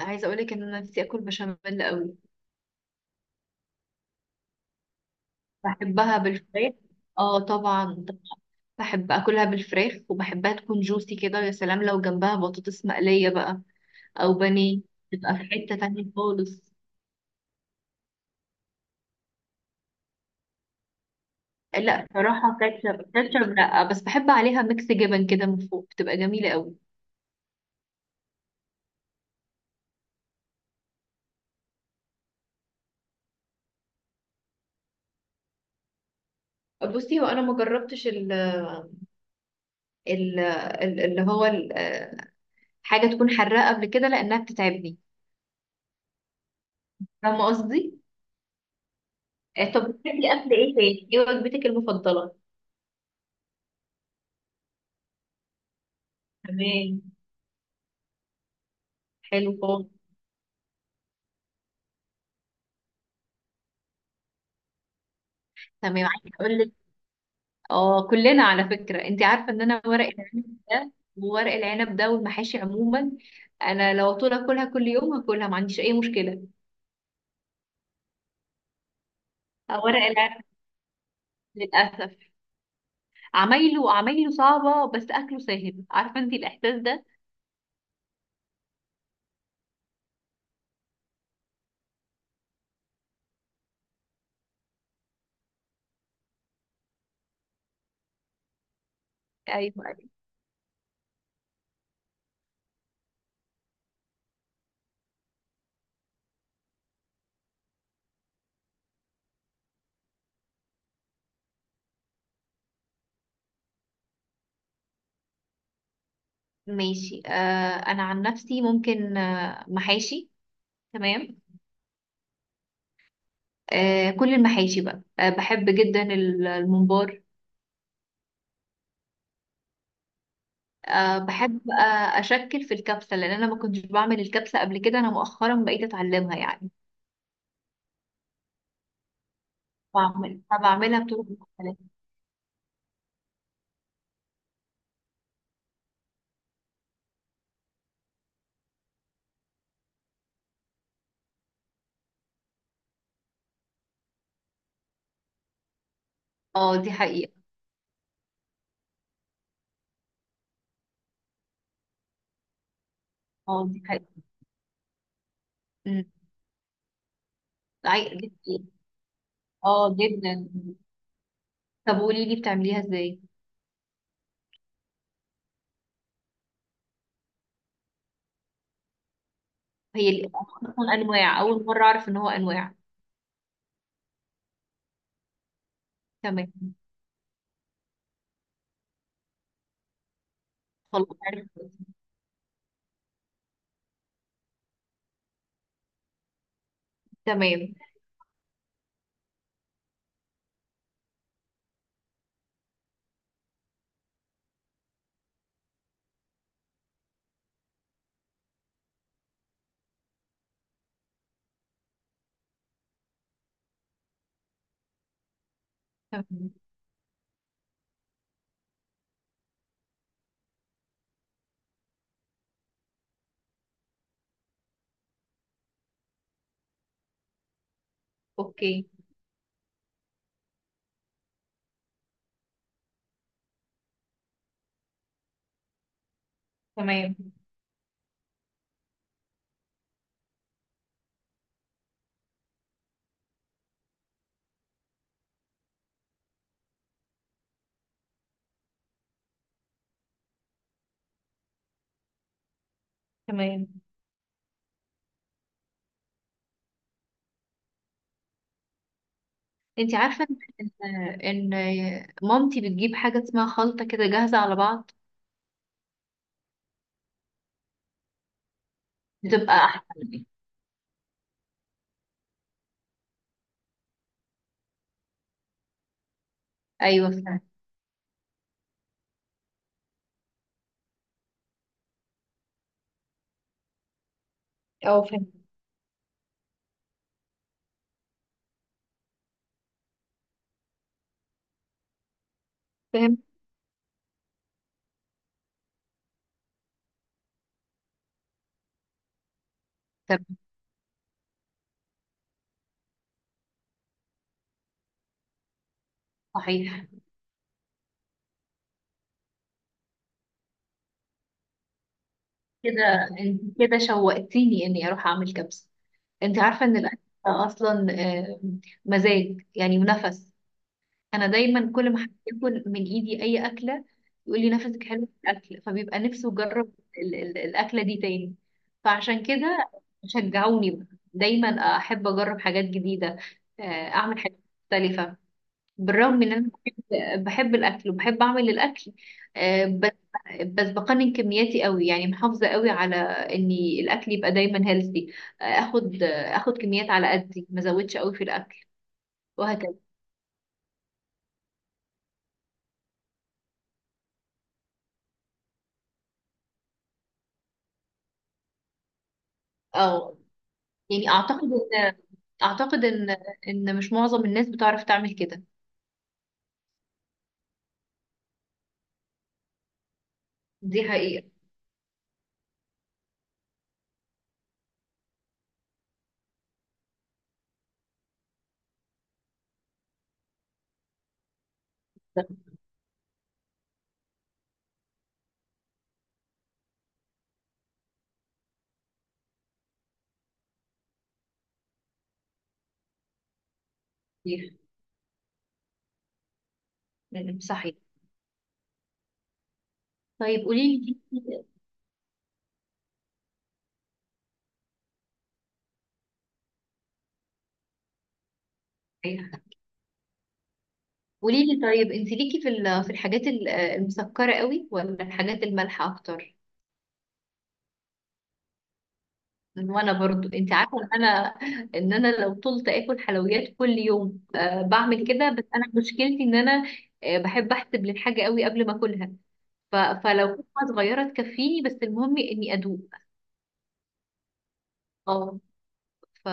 عايزه اقول لك ان انا نفسي اكل بشاميل قوي. بحبها بالفراخ. اه طبعا طبعاً. بحب اكلها بالفراخ وبحبها تكون جوسي كده، ويا سلام لو جنبها بطاطس مقلية بقى، او بانيه. تبقى في حتة تانية خالص. لا صراحة، كاتشب كاتشب لا، بس بحب عليها ميكس جبن كده من فوق، بتبقى جميلة قوي. بصي، هو انا ما جربتش ال ال ال- اللي هو ال- آه، حاجة تكون حراقة قبل كده لانها بتتعبني. فاهمة قصدي؟ طب، بتحبي اكل ايه تاني؟ ايه وجبتك المفضلة؟ تمام. حلو خالص. تمام. عايزه اقول لك، اه كلنا على فكره، انت عارفه ان انا ورق العنب ده، وورق العنب ده والمحاشي عموما، انا لو طول اكلها كل يوم هاكلها، ما عنديش اي مشكله. ورق العنب، للاسف، عمايله عمايله صعبه بس اكله سهل، عارفه انت الاحساس ده؟ ايوه أيوة. ماشي انا عن نفسي ممكن محاشي. تمام. كل المحاشي بقى، بحب جدا الممبار. بحب، أشكل في الكبسة، لأن أنا ما كنتش بعمل الكبسة قبل كده، أنا مؤخرا بقيت أتعلمها يعني. بعمل فبعملها بطرق مختلفة. اه دي حقيقة. اه دي حقيقة. أمم، دي حقيقة. اه جدا. طب قولي لي بتعمليها ازاي؟ أصلا أنواع، أول مرة أعرف إن هو أنواع. تمام. خلاص عرفت. تمام. تمام. أوكي. تمام. تمام. انت عارفة إن مامتي بتجيب حاجة اسمها خلطة كده جاهزة على بعض. بتبقى أحسن. ايوه. اه فهمت. فهمت. طب. صحيح. كده، انت كده شوقتيني اني اروح اعمل كبسه. انت عارفه ان الاكل اصلا آه، مزاج يعني ونفس. انا دايما كل ما حد ياكل من ايدي اي اكله، يقول لي نفسك حلو في الاكل، فبيبقى نفسه يجرب الاكله دي تاني. فعشان كده شجعوني بقى. دايما احب اجرب حاجات جديده، آه، اعمل حاجات مختلفه. بالرغم ان انا بحب الاكل وبحب اعمل الاكل. بس بقنن كمياتي قوي يعني، محافظه قوي على اني الاكل يبقى دايما هيلثي. اخد كميات على قدي، ما ازودش قوي في الاكل، وهكذا. اه، يعني اعتقد ان مش معظم الناس بتعرف تعمل كده. دي حقيقه. ده كتير. صحيح. طيب قولي لي قولي لي طيب، انت ليكي في في الحاجات المسكره قوي ولا الحاجات المالحه اكتر؟ وانا برضو، انت عارفه ان انا، لو طولت اكل حلويات كل يوم أه بعمل كده. بس انا مشكلتي ان انا، بحب احسب للحاجه قوي قبل ما اكلها. فلو كنت صغيره تكفيني، بس المهم اني ادوق. اه. ف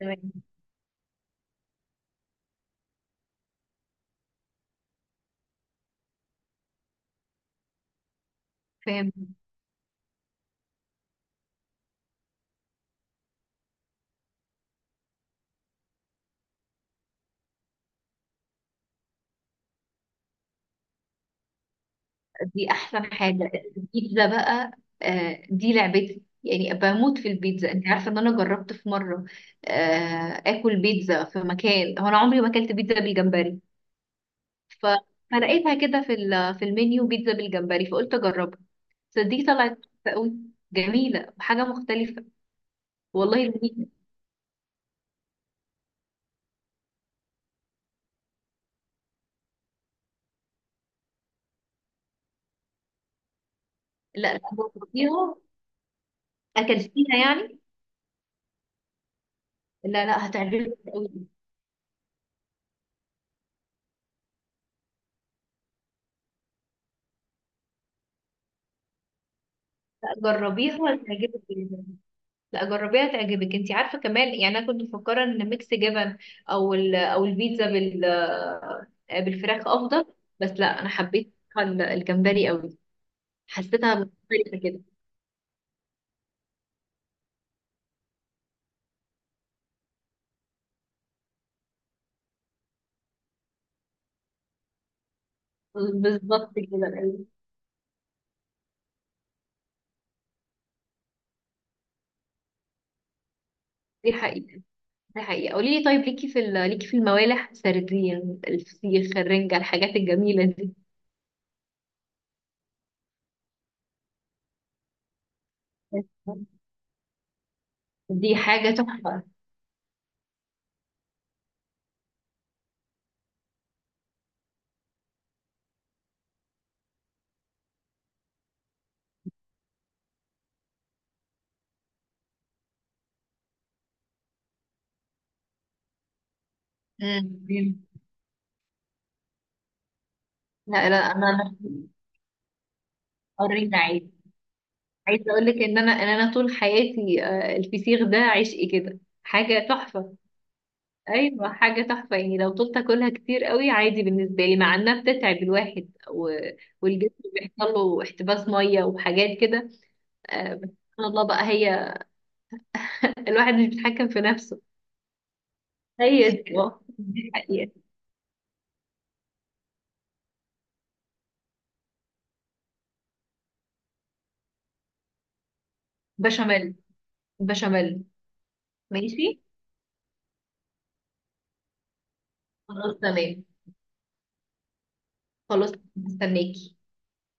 تمام. فاهم. دي احسن حاجه. البيتزا بقى، أه دي لعبتي، يعني بموت في البيتزا. انت عارفه ان انا جربت في مره، أه، اكل بيتزا في مكان، هو انا عمري ما اكلت بيتزا بالجمبري، ف... فلقيتها كده في في المنيو بيتزا بالجمبري، فقلت اجربها. صدقني طلعت كويسة قوي، جميله وحاجه مختلفه. والله جميله. لا، لا جربيها. اكلتيها يعني؟ لا لا، هتعجبك قوي. لا جربيها هتعجبك جدا. لا جربيها هتعجبك. انت عارفه كمان، يعني انا كنت مفكره ان ميكس جبن، او او البيتزا بالفراخ افضل، بس لا انا حبيت الجمبري قوي، حسيتها مختلفه كده. بالظبط كده أيوة. دي حقيقة. ده حقيقة. قولي لي طيب، ليكي في ليكي في الموالح سردية، الفسيخ، الرنجة، الحاجات الجميلة دي؟ دي حاجة تحفة. مم. لا لا انا قرينا عادي. عايزة اقول لك ان انا، طول حياتي، الفسيخ ده عشقي كده، حاجة تحفة. ايوه حاجة تحفة، يعني لو طولت اكلها كتير قوي عادي بالنسبة لي، مع انها بتتعب الواحد، والجسم بيحصل له احتباس مية وحاجات كده. بس سبحان الله بقى، هي الواحد مش بيتحكم في نفسه. هي دي، اه، دي الحقيقة. بشاميل. بشاميل. ماشي. خلاص تمام. خلاص مستناكي.